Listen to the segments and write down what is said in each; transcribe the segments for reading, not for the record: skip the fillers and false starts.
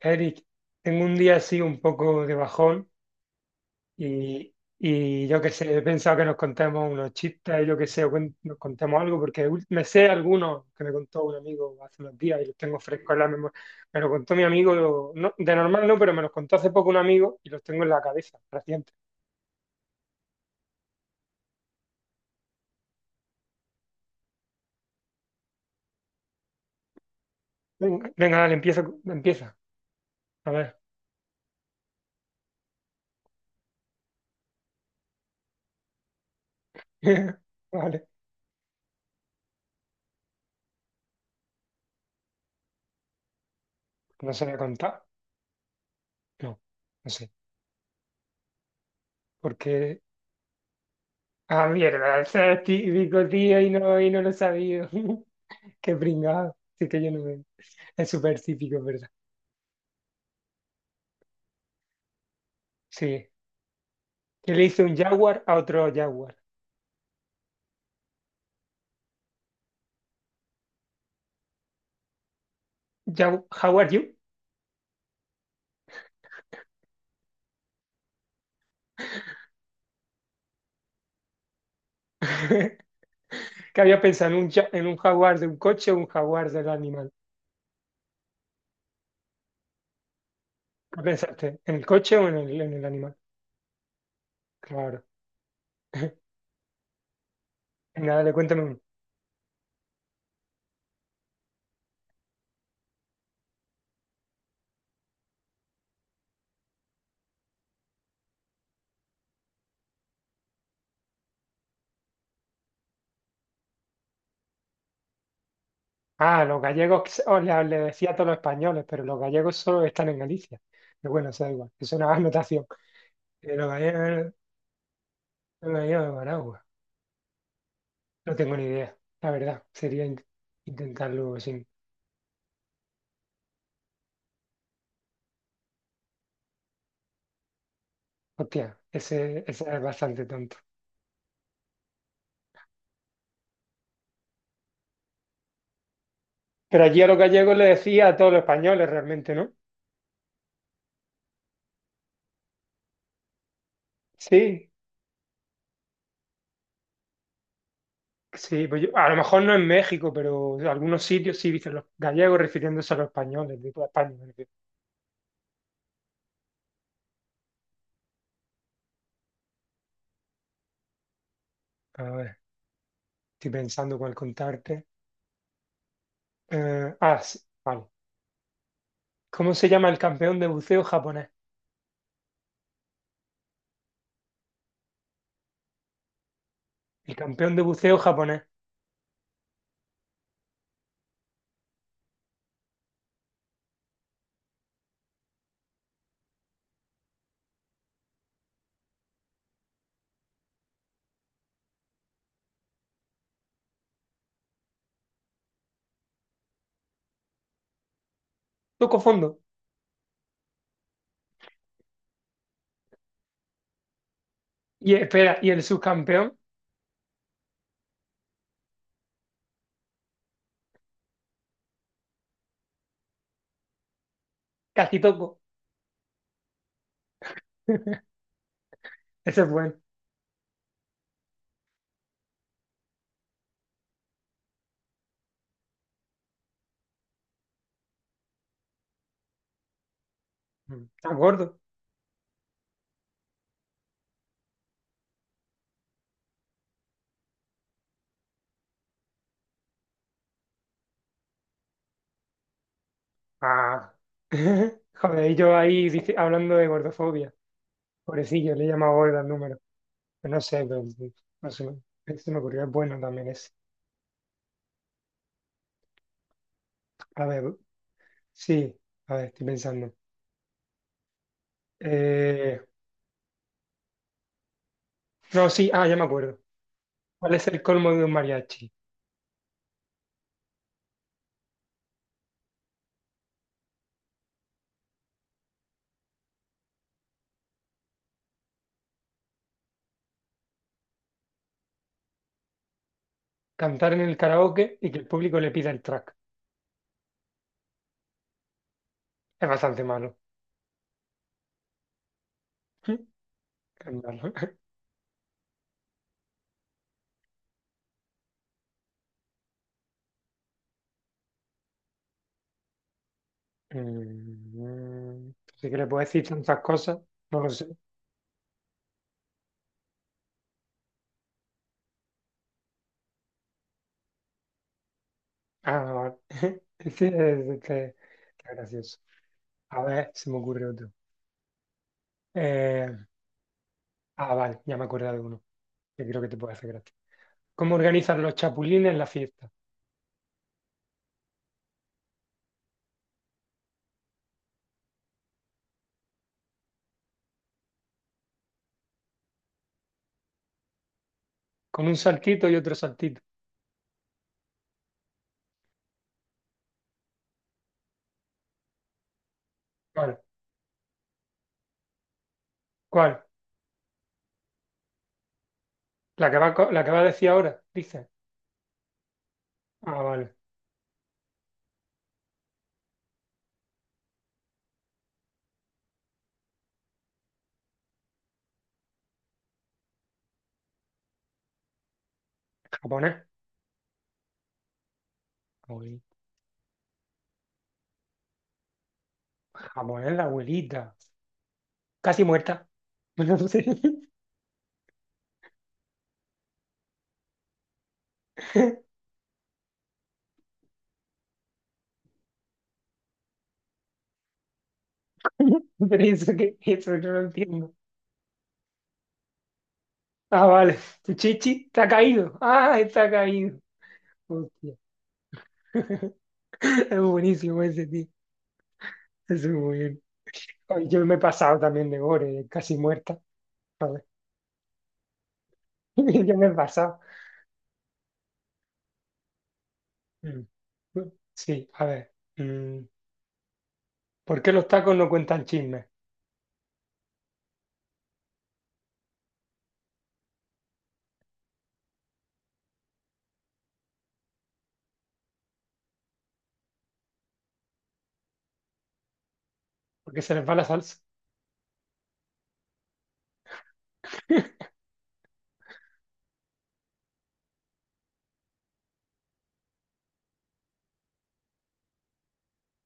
Eric, tengo un día así un poco de bajón y yo qué sé, he pensado que nos contemos unos chistes, yo qué sé, o nos contemos algo, porque me sé algunos que me contó un amigo hace unos días y los tengo frescos en la memoria. Me lo contó mi amigo, de normal no, pero me los contó hace poco un amigo y los tengo en la cabeza, reciente. Venga, venga, dale, empieza, empieza. A ver. Vale, no se voy a contar. No, no sé. Porque, mierda, ese es típico, tío, y no lo he sabido. Qué pringado. Sí que yo no me... Es súper típico, es ¿verdad? Sí. Que le hizo un jaguar a otro jaguar. How are you? Que había pensado en en un jaguar de un coche o un jaguar del animal. ¿Qué pensaste? ¿En el coche o en en el animal? Claro. Nada, le cuéntame uno. Ah, los gallegos, que os le, le decía a todos los españoles, pero los gallegos solo están en Galicia. Pero bueno, eso da igual, es una anotación. Eh, Los gallegos, los gallegos de Managua. No tengo ni idea, la verdad. Sería intentarlo sin. Hostia, ese es bastante tonto. Pero allí a los gallegos le decía a todos los españoles realmente, ¿no? Sí, sí, pues a lo mejor no en México, pero en algunos sitios sí dicen los gallegos refiriéndose a los españoles de toda España. Me refiero. A ver, estoy pensando cuál contarte. Sí, vale. ¿Cómo se llama el campeón de buceo japonés? El campeón de buceo japonés. Toco fondo. Y espera, y el subcampeón, casi toco. Ese es bueno. Está gordo. Ah, joder, y yo ahí hablando de gordofobia. Pobrecillo, le he llamado gorda al número. Pero no sé, pero sí, no sé, se me ocurrió, es bueno también ese. A ver, sí, a ver, estoy pensando. Eh, no, sí, ah, ya me acuerdo. ¿Cuál es el colmo de un mariachi? Cantar en el karaoke y que el público le pida el track. Es bastante malo. Es malo. Mm, así que le puedo decir tantas cosas, no lo sé. Ah, vale. Este es gracioso. A ver, se me ocurre otro. Eh, vale, ya me acordé de uno, que creo que te puede hacer gracia. ¿Cómo organizan los chapulines la fiesta? Con un saltito y otro saltito. ¿Cuál? ¿Cuál? ¿La que va, la que va a decir ahora? Dice. Ah, vale, japonés. Abue- Japonés, la abuelita. Casi muerta. No sé. Pero eso que, eso no lo entiendo. Ah, vale. Tu chichi está caído. Ah, está caído. Hostia, es buenísimo ese tío. Es muy bien. Ay, yo me he pasado también de gore, casi muerta. Yo me he pasado. Mm. Sí, a ver. ¿Por qué los tacos no cuentan chismes? Porque se les va la salsa.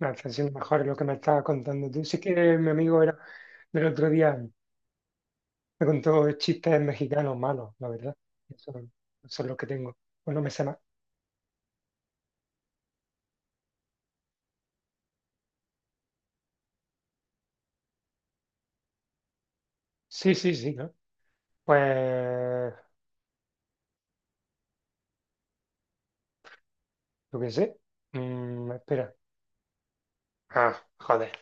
Me está siendo mejor lo que me estabas contando tú. Sí que mi amigo era del otro día, me contó chistes mexicanos malos, la verdad. Eso, eso es lo que tengo. Bueno, me sé más. Sí, sí, sí, ¿no? Pues, yo qué sé. Mm, espera. Ah, joder.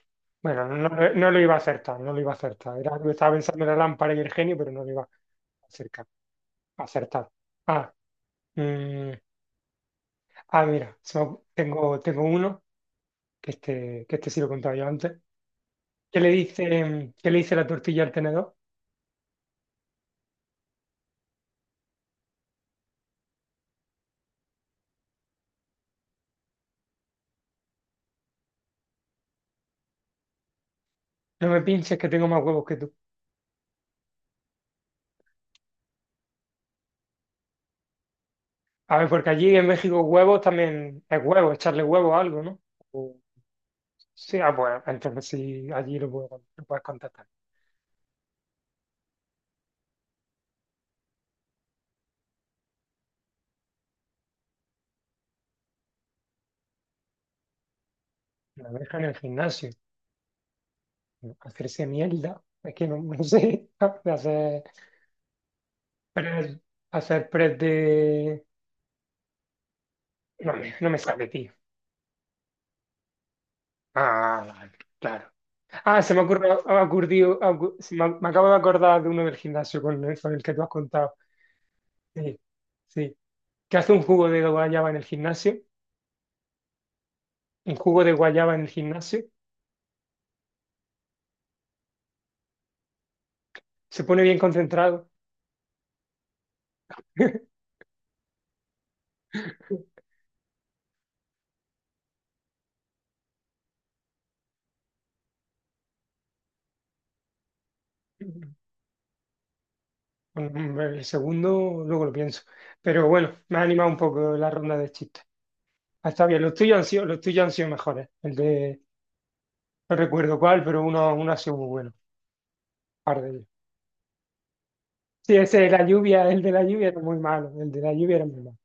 Bueno, no, lo no lo iba a acertar, no lo iba a acertar. Era, estaba pensando en la lámpara y el genio, pero no lo iba a acercar, a acertar. Ah, Mm, mira, tengo uno, que este sí lo he contado yo antes. ¿Qué le dice la tortilla al tenedor? No me pinches que tengo más huevos que tú. A ver, porque allí en México huevos también es huevo, echarle huevo a algo, ¿no? O- sí, ah, bueno, entonces sí, allí lo puedes contestar. La abeja en el gimnasio, hacerse mierda, es que no, no sé, de press, hacer press de... No, no me sale, tío. Ah, vale, claro. Ah, se me ha ocurrido, ha ocurrido- ha ocu- se me, me acabo de acordar de uno del gimnasio con con el que tú has contado. Sí, sí. Que hace un jugo de guayaba en el gimnasio, un jugo de guayaba en el gimnasio, se pone bien concentrado. Mm, el segundo, luego lo pienso. Pero bueno, me ha animado un poco la ronda de chistes. Ah, está bien, los tuyos han sido mejores. El de, no recuerdo cuál, pero uno, uno ha sido muy bueno. Par de ellos. Sí, ese de la lluvia, el de la lluvia era muy malo, el de la lluvia era muy malo.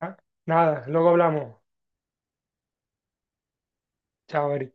Ah, nada, luego hablamos. Chao, Eric.